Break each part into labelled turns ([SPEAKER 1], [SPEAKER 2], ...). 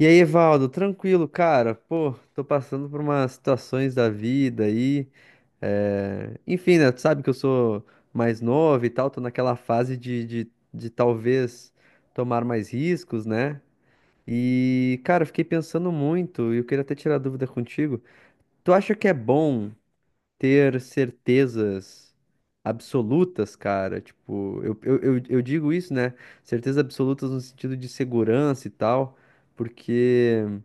[SPEAKER 1] E aí, Evaldo, tranquilo, cara? Pô, tô passando por umas situações da vida aí. Enfim, né? Tu sabe que eu sou mais novo e tal, tô naquela fase de talvez tomar mais riscos, né? E, cara, eu fiquei pensando muito e eu queria até tirar dúvida contigo. Tu acha que é bom ter certezas absolutas, cara? Tipo, eu digo isso, né? Certezas absolutas no sentido de segurança e tal, porque.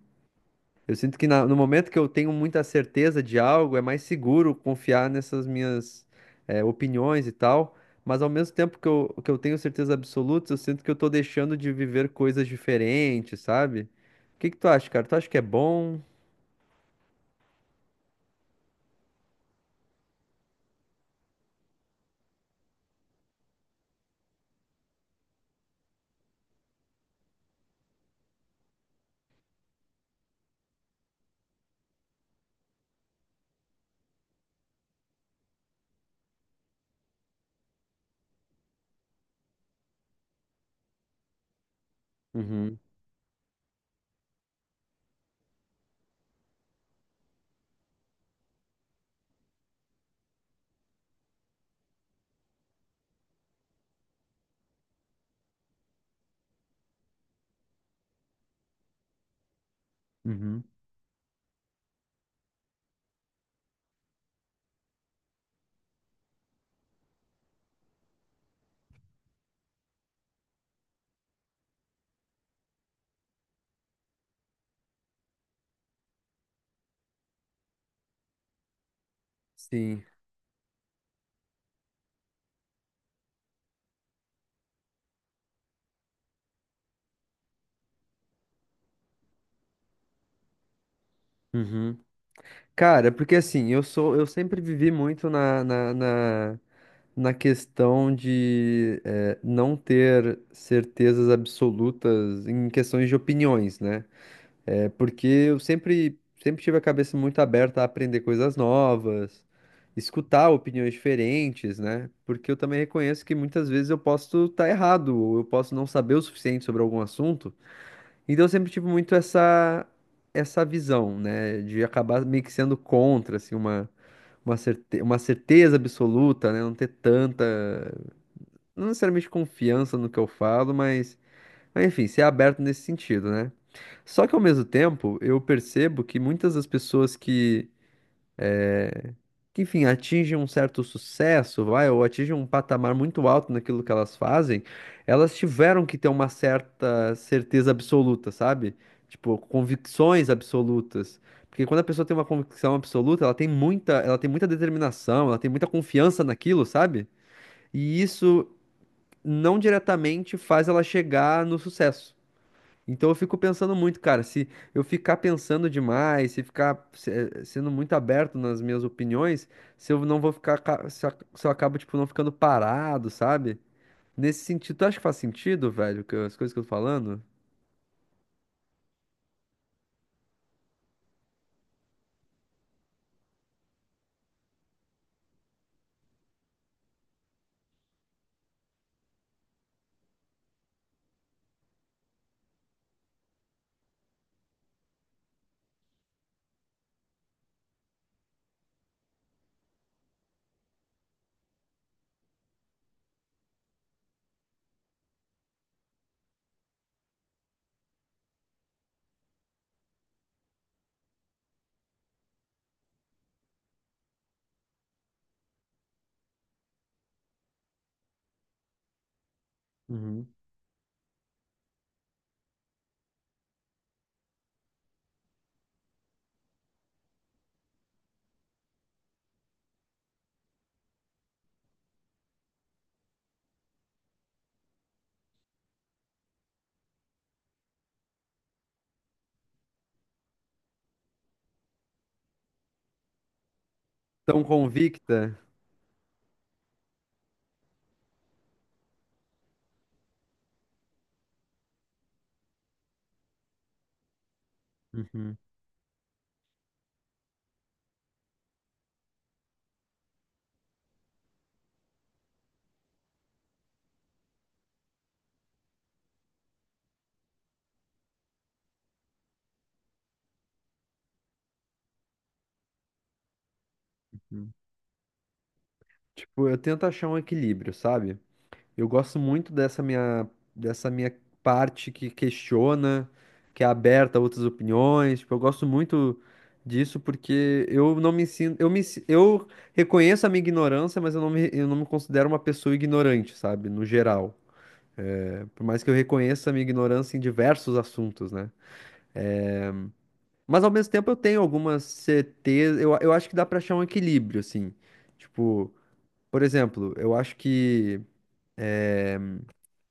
[SPEAKER 1] eu sinto que no momento que eu tenho muita certeza de algo, é mais seguro confiar nessas minhas opiniões e tal. Mas ao mesmo tempo que eu tenho certeza absoluta, eu sinto que eu tô deixando de viver coisas diferentes, sabe? O que que tu acha, cara? Tu acha que é bom? Uhum, uhum. Sim. Uhum. Cara, porque assim, eu sou, eu sempre vivi muito na questão de não ter certezas absolutas em questões de opiniões, né? É porque eu sempre tive a cabeça muito aberta a aprender coisas novas, escutar opiniões diferentes, né? Porque eu também reconheço que muitas vezes eu posso estar errado, ou eu posso não saber o suficiente sobre algum assunto. Então eu sempre tive muito essa visão, né? De acabar meio que sendo contra, assim, uma, uma certeza absoluta, né? Não ter tanta, não necessariamente confiança no que eu falo, mas enfim, ser aberto nesse sentido, né? Só que ao mesmo tempo, eu percebo que muitas das pessoas que, enfim, atingem um certo sucesso, vai, ou atingem um patamar muito alto naquilo que elas fazem, elas tiveram que ter uma certa certeza absoluta, sabe? Tipo, convicções absolutas. Porque quando a pessoa tem uma convicção absoluta, ela tem muita determinação, ela tem muita confiança naquilo, sabe? E isso não diretamente faz ela chegar no sucesso. Então eu fico pensando muito, cara, se eu ficar pensando demais, se ficar sendo muito aberto nas minhas opiniões, se eu não vou ficar, se eu acabo, tipo, não ficando parado, sabe? Nesse sentido, tu acha que faz sentido, velho, as coisas que eu tô falando? Uhum. Tão convicta? Uhum, uhum. Tipo, eu tento achar um equilíbrio, sabe? Eu gosto muito dessa minha parte que questiona, que é aberta a outras opiniões. Tipo, eu gosto muito disso porque eu não me sinto, eu reconheço a minha ignorância, mas eu não me considero uma pessoa ignorante, sabe? No geral, né. Por mais que eu reconheça a minha ignorância em diversos assuntos, né? Mas ao mesmo tempo eu tenho algumas certezas, eu acho que dá pra achar um equilíbrio, assim. Tipo, por exemplo, eu acho que,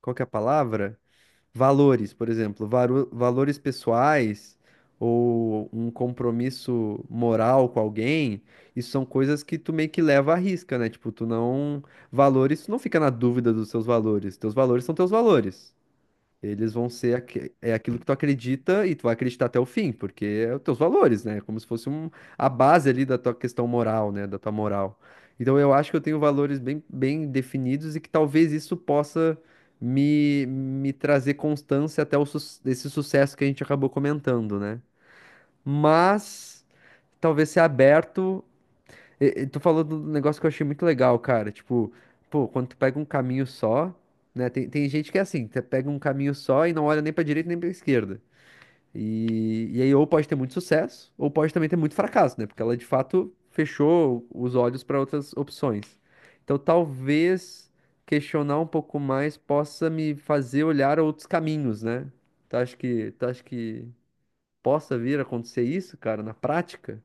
[SPEAKER 1] qual que é a palavra? Valores, por exemplo, valores pessoais ou um compromisso moral com alguém, isso são coisas que tu meio que leva à risca, né? Tipo, tu não valores, tu não fica na dúvida dos seus valores. Teus valores são teus valores. Eles vão ser é aquilo que tu acredita e tu vai acreditar até o fim, porque é os teus valores, né? É como se fosse um, a base ali da tua questão moral, né? Da tua moral. Então eu acho que eu tenho valores bem, bem definidos e que talvez isso possa me trazer constância até esse sucesso que a gente acabou comentando, né? Mas talvez ser aberto e tu falou do negócio que eu achei muito legal, cara. Tipo, pô, quando tu pega um caminho só, né? Tem, tem gente que é assim, tu pega um caminho só e não olha nem pra direita nem pra esquerda. E aí, ou pode ter muito sucesso, ou pode também ter muito fracasso, né? Porque ela de fato fechou os olhos para outras opções. Então, talvez questionar um pouco mais possa me fazer olhar outros caminhos, né? Tu acha que possa vir a acontecer isso, cara, na prática?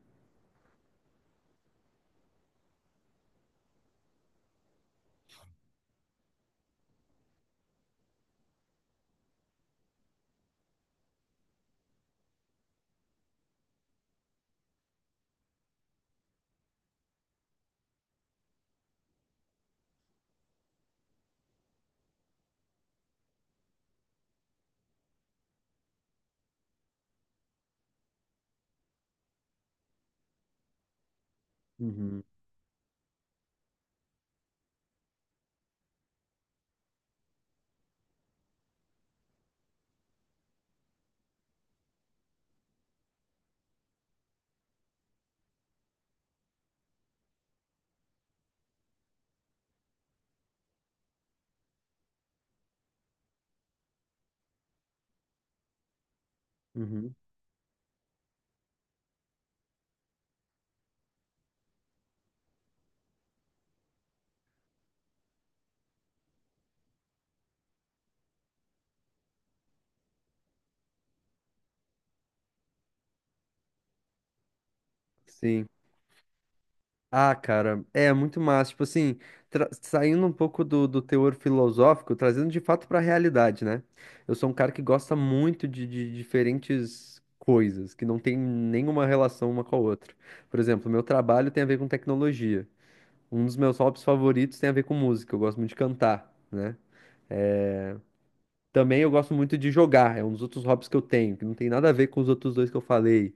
[SPEAKER 1] Uhum, uhum. Sim. Ah, cara, é muito massa. Tipo assim, saindo um pouco do, do teor filosófico, trazendo de fato pra realidade, né? Eu sou um cara que gosta muito de diferentes coisas, que não tem nenhuma relação uma com a outra. Por exemplo, meu trabalho tem a ver com tecnologia. Um dos meus hobbies favoritos tem a ver com música. Eu gosto muito de cantar, né? Também eu gosto muito de jogar. É um dos outros hobbies que eu tenho, que não tem nada a ver com os outros dois que eu falei.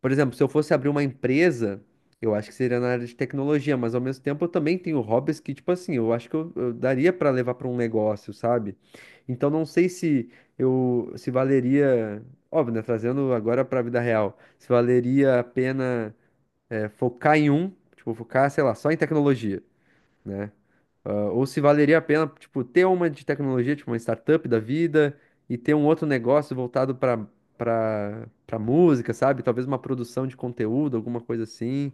[SPEAKER 1] Por exemplo, se eu fosse abrir uma empresa, eu acho que seria na área de tecnologia, mas ao mesmo tempo eu também tenho hobbies que, tipo assim, eu acho que eu daria para levar para um negócio, sabe? Então não sei se valeria, óbvio, né, trazendo agora para a vida real, se valeria a pena focar em um, tipo, focar, sei lá, só em tecnologia, né? Ah, ou se valeria a pena, tipo, ter uma de tecnologia, tipo uma startup da vida, e ter um outro negócio voltado para música, sabe? Talvez uma produção de conteúdo, alguma coisa assim.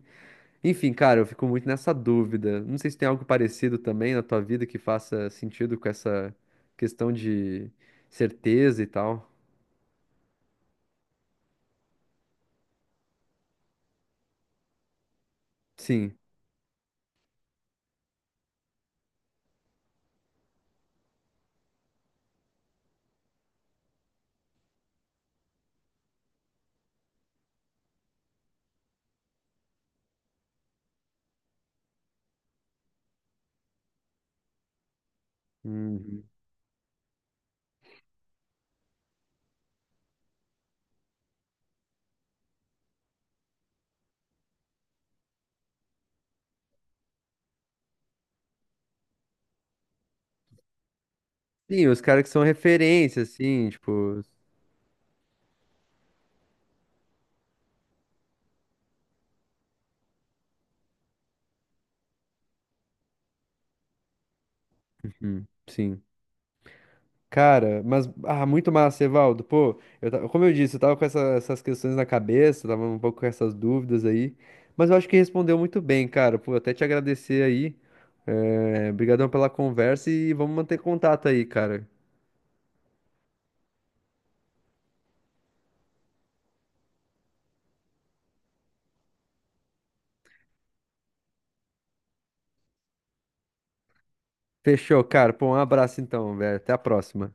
[SPEAKER 1] Enfim, cara, eu fico muito nessa dúvida. Não sei se tem algo parecido também na tua vida que faça sentido com essa questão de certeza e tal. Sim. Uhum. Sim, os caras que são referência, assim, tipo. Uhum, sim. Cara, mas ah, muito massa, Evaldo. Pô, como eu disse, eu tava com essas questões na cabeça, tava um pouco com essas dúvidas aí, mas eu acho que respondeu muito bem, cara. Pô, até te agradecer aí. É, brigadão pela conversa e vamos manter contato aí, cara. Fechou, cara. Pô, um abraço então, velho. Até a próxima.